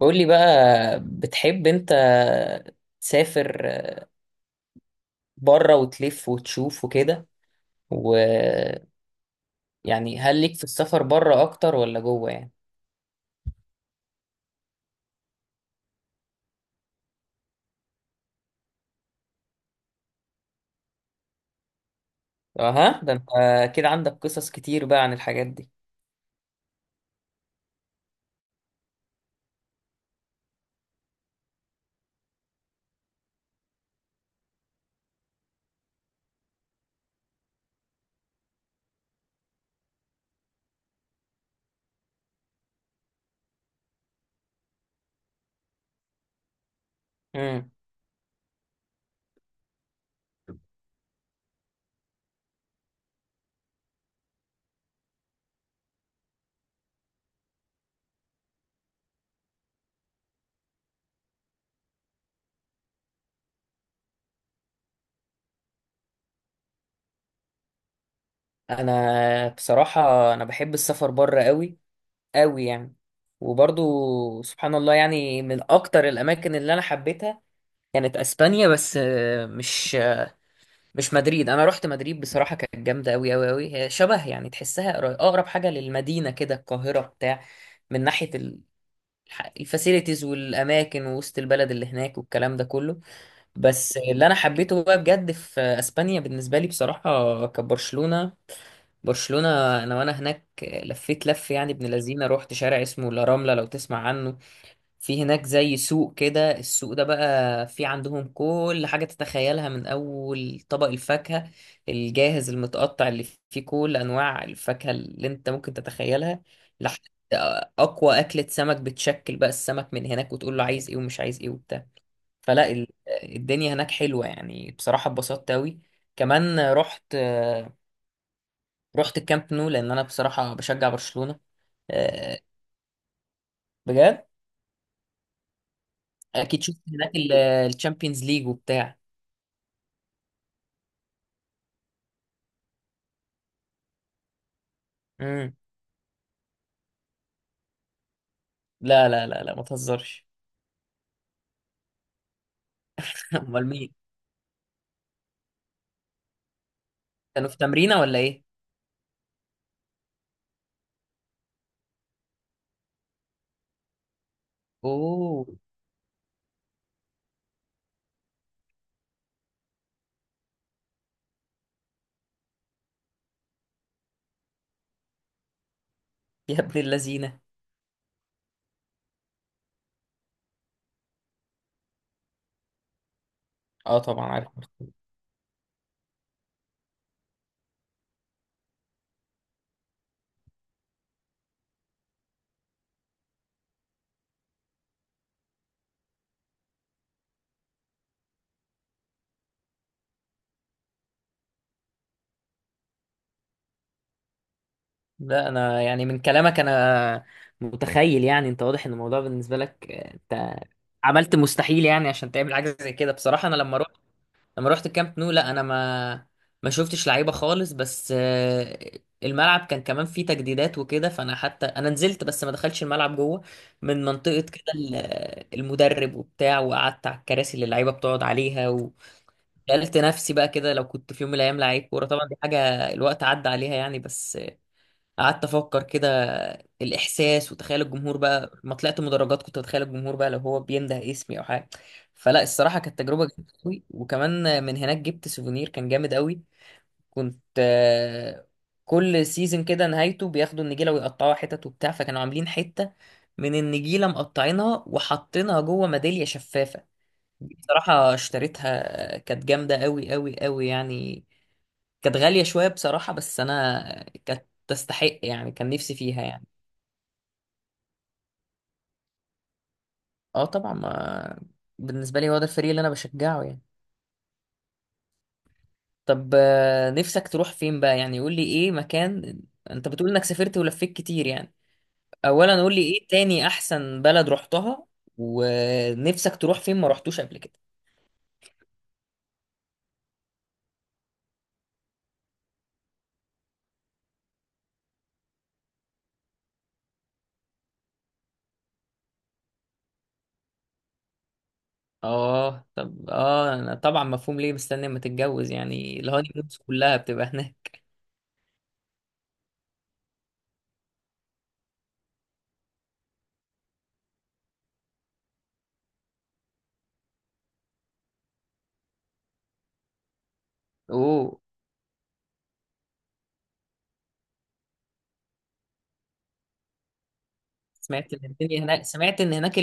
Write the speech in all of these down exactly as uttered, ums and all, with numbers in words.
قولي بقى، بتحب انت تسافر بره وتلف وتشوف وكده، ويعني هل ليك في السفر بره اكتر ولا جوه يعني؟ اها ده انت كده عندك قصص كتير بقى عن الحاجات دي. امم انا بصراحة، انا بحب السفر بره قوي قوي يعني. وبرضو سبحان الله يعني، من اكتر الاماكن اللي انا حبيتها كانت اسبانيا، بس آه، مش مش مدريد. انا رحت مدريد بصراحه، كانت جامده قوي قوي قوي، هي شبه يعني تحسها قر- اقرب حاجه للمدينه كده القاهره بتاع، من ناحيه الفاسيلتيز والاماكن ووسط البلد اللي هناك والكلام ده كله. بس اللي انا حبيته بقى بجد في اسبانيا بالنسبه لي بصراحه كانت برشلونه، برشلونه. انا وانا هناك لفيت لف يعني ابن لذينه، رحت شارع اسمه لا راملا لو تسمع عنه، في هناك زي سوق كده. السوق ده بقى في عندهم كل حاجة تتخيلها من أول طبق الفاكهة الجاهز المتقطع اللي فيه كل أنواع الفاكهة اللي أنت ممكن تتخيلها، لحد أقوى أكلة سمك، بتشكل بقى السمك من هناك وتقول له عايز إيه ومش عايز إيه وبتاع. فلا ال- الدنيا هناك حلوة يعني، بصراحة اتبسطت أوي. كمان رحت، رحت الكامب نو، لأن أنا بصراحة بشجع برشلونة. آه، بجد، أكيد شفت هناك الشامبيونز ليج وبتاع. مم. لا لا لا لا، ما تهزرش. امال مين؟ كانوا في تمرينه ولا ايه؟ اوه، يا ابن اللذينه. اه طبعا عارف. لا انا يعني من كلامك انا متخيل، يعني انت واضح ان الموضوع بالنسبه لك آه، انت عملت مستحيل يعني عشان تعمل حاجه زي كده. بصراحه انا لما، لما رحت الكامب نو، لا انا ما ما شفتش لعيبه خالص، بس آه، الملعب كان كمان فيه تجديدات وكده، فانا حتى انا نزلت بس ما دخلتش الملعب جوه من منطقه كده ال- المدرب وبتاع، وقعدت على الكراسي اللي اللعيبه بتقعد عليها. وسالت نفسي بقى كده، لو كنت في يوم من الايام لعيب كوره، طبعا دي حاجه الوقت عدى عليها يعني، بس قعدت افكر كده الاحساس، وتخيل الجمهور بقى، ما طلعت مدرجات كنت اتخيل الجمهور بقى لو هو بينده اسمي او حاجه. فلا الصراحه كانت تجربه جامده قوي. وكمان من هناك جبت سوفونير كان جامد قوي. كنت آه، كل سيزون كده نهايته بياخدوا النجيله ويقطعوها حتت وبتاع، فكانوا عاملين حته من النجيله مقطعينها وحاطينها جوه ميداليه شفافه، بصراحه اشتريتها كانت جامده قوي قوي قوي يعني. كانت غالية شوية بصراحة، بس أنا كانت تستحق يعني، كان نفسي فيها يعني. اه طبعا، ما بالنسبة لي هو ده الفريق اللي أنا بشجعه يعني. طب آه، نفسك تروح فين بقى يعني؟ قول لي إيه مكان، أنت بتقول إنك سافرت ولفيت كتير يعني. أولا قول لي إيه تاني أحسن بلد رحتها، ونفسك تروح فين ما رحتوش قبل كده؟ اه طب، اه أنا طبعا مفهوم ليه مستني اما تتجوز يعني، الهاني مونز كلها بتبقى هناك. اوه. سمعت ان الدنيا هناك، سمعت ان هناك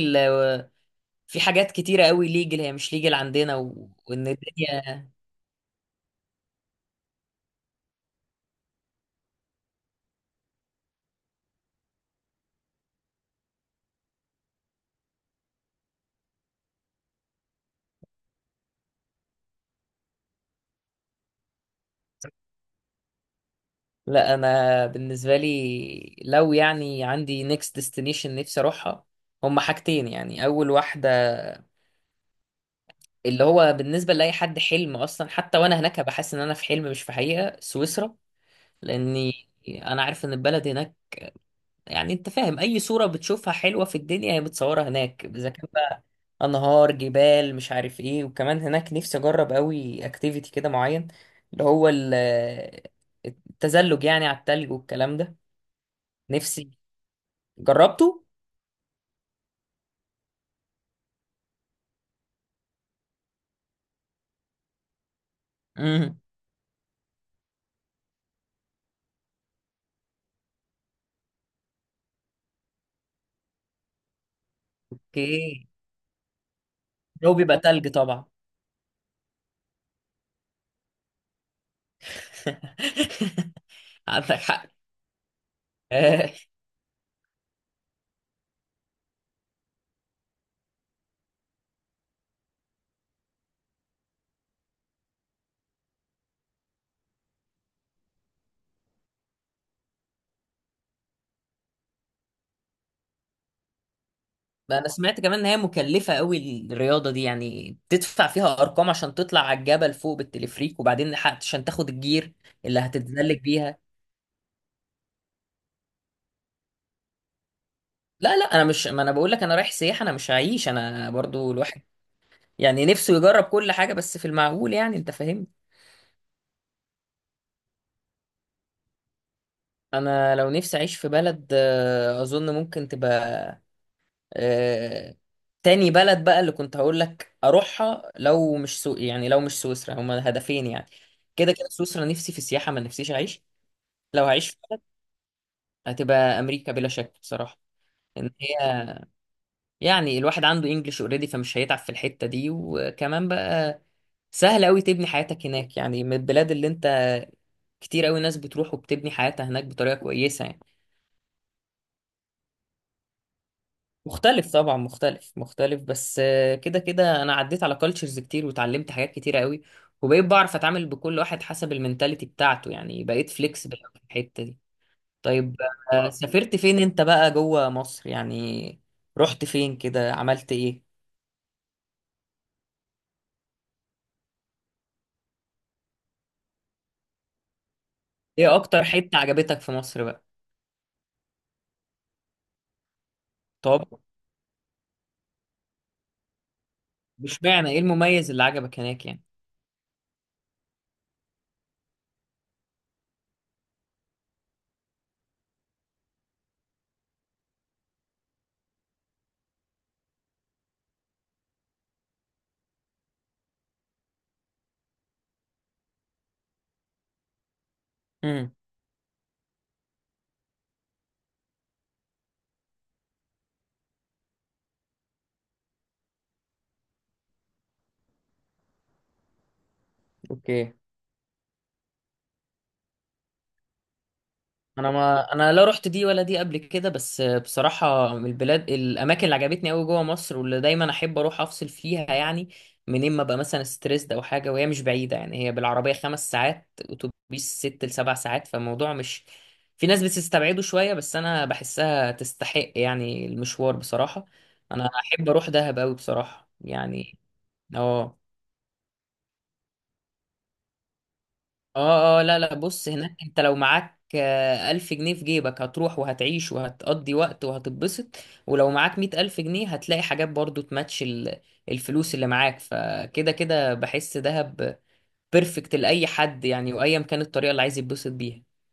في حاجات كتيرة قوي ليجل هي مش ليجل عندنا، و... وان الدنيا. لا، انا بالنسبة لي لو يعني عندي نيكست ديستنيشن نفسي اروحها، هما حاجتين يعني. اول واحدة اللي هو بالنسبة لأي حد حلم اصلا، حتى وانا هناك هبقى حاسس ان انا في حلم مش في حقيقة، سويسرا. لاني انا عارف ان البلد هناك، يعني انت فاهم، اي صورة بتشوفها حلوة في الدنيا هي بتصورها هناك، اذا كان بقى انهار، جبال، مش عارف ايه. وكمان هناك نفسي اجرب قوي اكتيفيتي كده معين، اللي هو ال- التزلج يعني على التلج والكلام ده. نفسي جربته. امم، اوكي، لو بيبقى تلج طبعا. عندك حق. بقى انا سمعت كمان ان هي مكلفه قوي الرياضه دي يعني، بتدفع فيها ارقام عشان تطلع على الجبل فوق بالتلفريك، وبعدين حق- عشان تاخد الجير اللي هتتزلج بيها. لا لا، انا مش ما انا بقول لك، انا رايح سياحه انا مش هعيش، انا برضو الواحد يعني نفسه يجرب كل حاجه بس في المعقول يعني، انت فاهم. انا لو نفسي اعيش في بلد، آه، اظن ممكن تبقى آه، تاني بلد بقى اللي كنت هقول لك اروحها، لو مش سو يعني لو مش سويسرا، هما هدفين يعني. كده كده سويسرا نفسي في السياحه، ما نفسيش اعيش. لو هعيش في بلد هتبقى امريكا بلا شك بصراحه. ان هي يعني الواحد عنده انجلش اوريدي، فمش هيتعب في الحته دي، وكمان بقى سهل قوي تبني حياتك هناك يعني، من البلاد اللي انت، كتير قوي ناس بتروح وبتبني حياتها هناك بطريقه كويسه يعني. مختلف طبعا، مختلف مختلف، بس آه، كده كده انا عديت على كالتشرز كتير وتعلمت حاجات كتير قوي، وبقيت بعرف اتعامل بكل واحد حسب المينتاليتي بتاعته يعني، بقيت فليكسبل في الحته دي. طيب آه، سافرت فين انت بقى جوه مصر يعني؟ رحت فين كده، عملت ايه؟ ايه اكتر حتة عجبتك في مصر بقى؟ طب مش معنى ايه المميز اللي عجبك هناك يعني؟ امم، اوكي. انا ما انا، لا رحت دي ولا دي قبل كده، بس بصراحه من البلاد الاماكن اللي عجبتني قوي جوه مصر واللي دايما احب اروح افصل فيها يعني، منين ما ابقى مثلا ستريسد او حاجه، وهي مش بعيده يعني، هي بالعربيه خمس ساعات اتوبيس، ست لسبع ساعات، فالموضوع مش، في ناس بتستبعده شويه بس انا بحسها تستحق يعني المشوار بصراحه. انا احب اروح دهب قوي بصراحه يعني. اه اه اه، لا لا بص، هناك انت لو معاك آه، ألف جنيه في جيبك هتروح وهتعيش وهتقضي وقت وهتتبسط، ولو معاك مية ألف جنيه هتلاقي حاجات برضو تماتش ال- الفلوس اللي معاك، فكده كده بحس دهب بيرفكت لأي حد يعني، وأيا كانت الطريقة اللي عايز يتبسط بيها.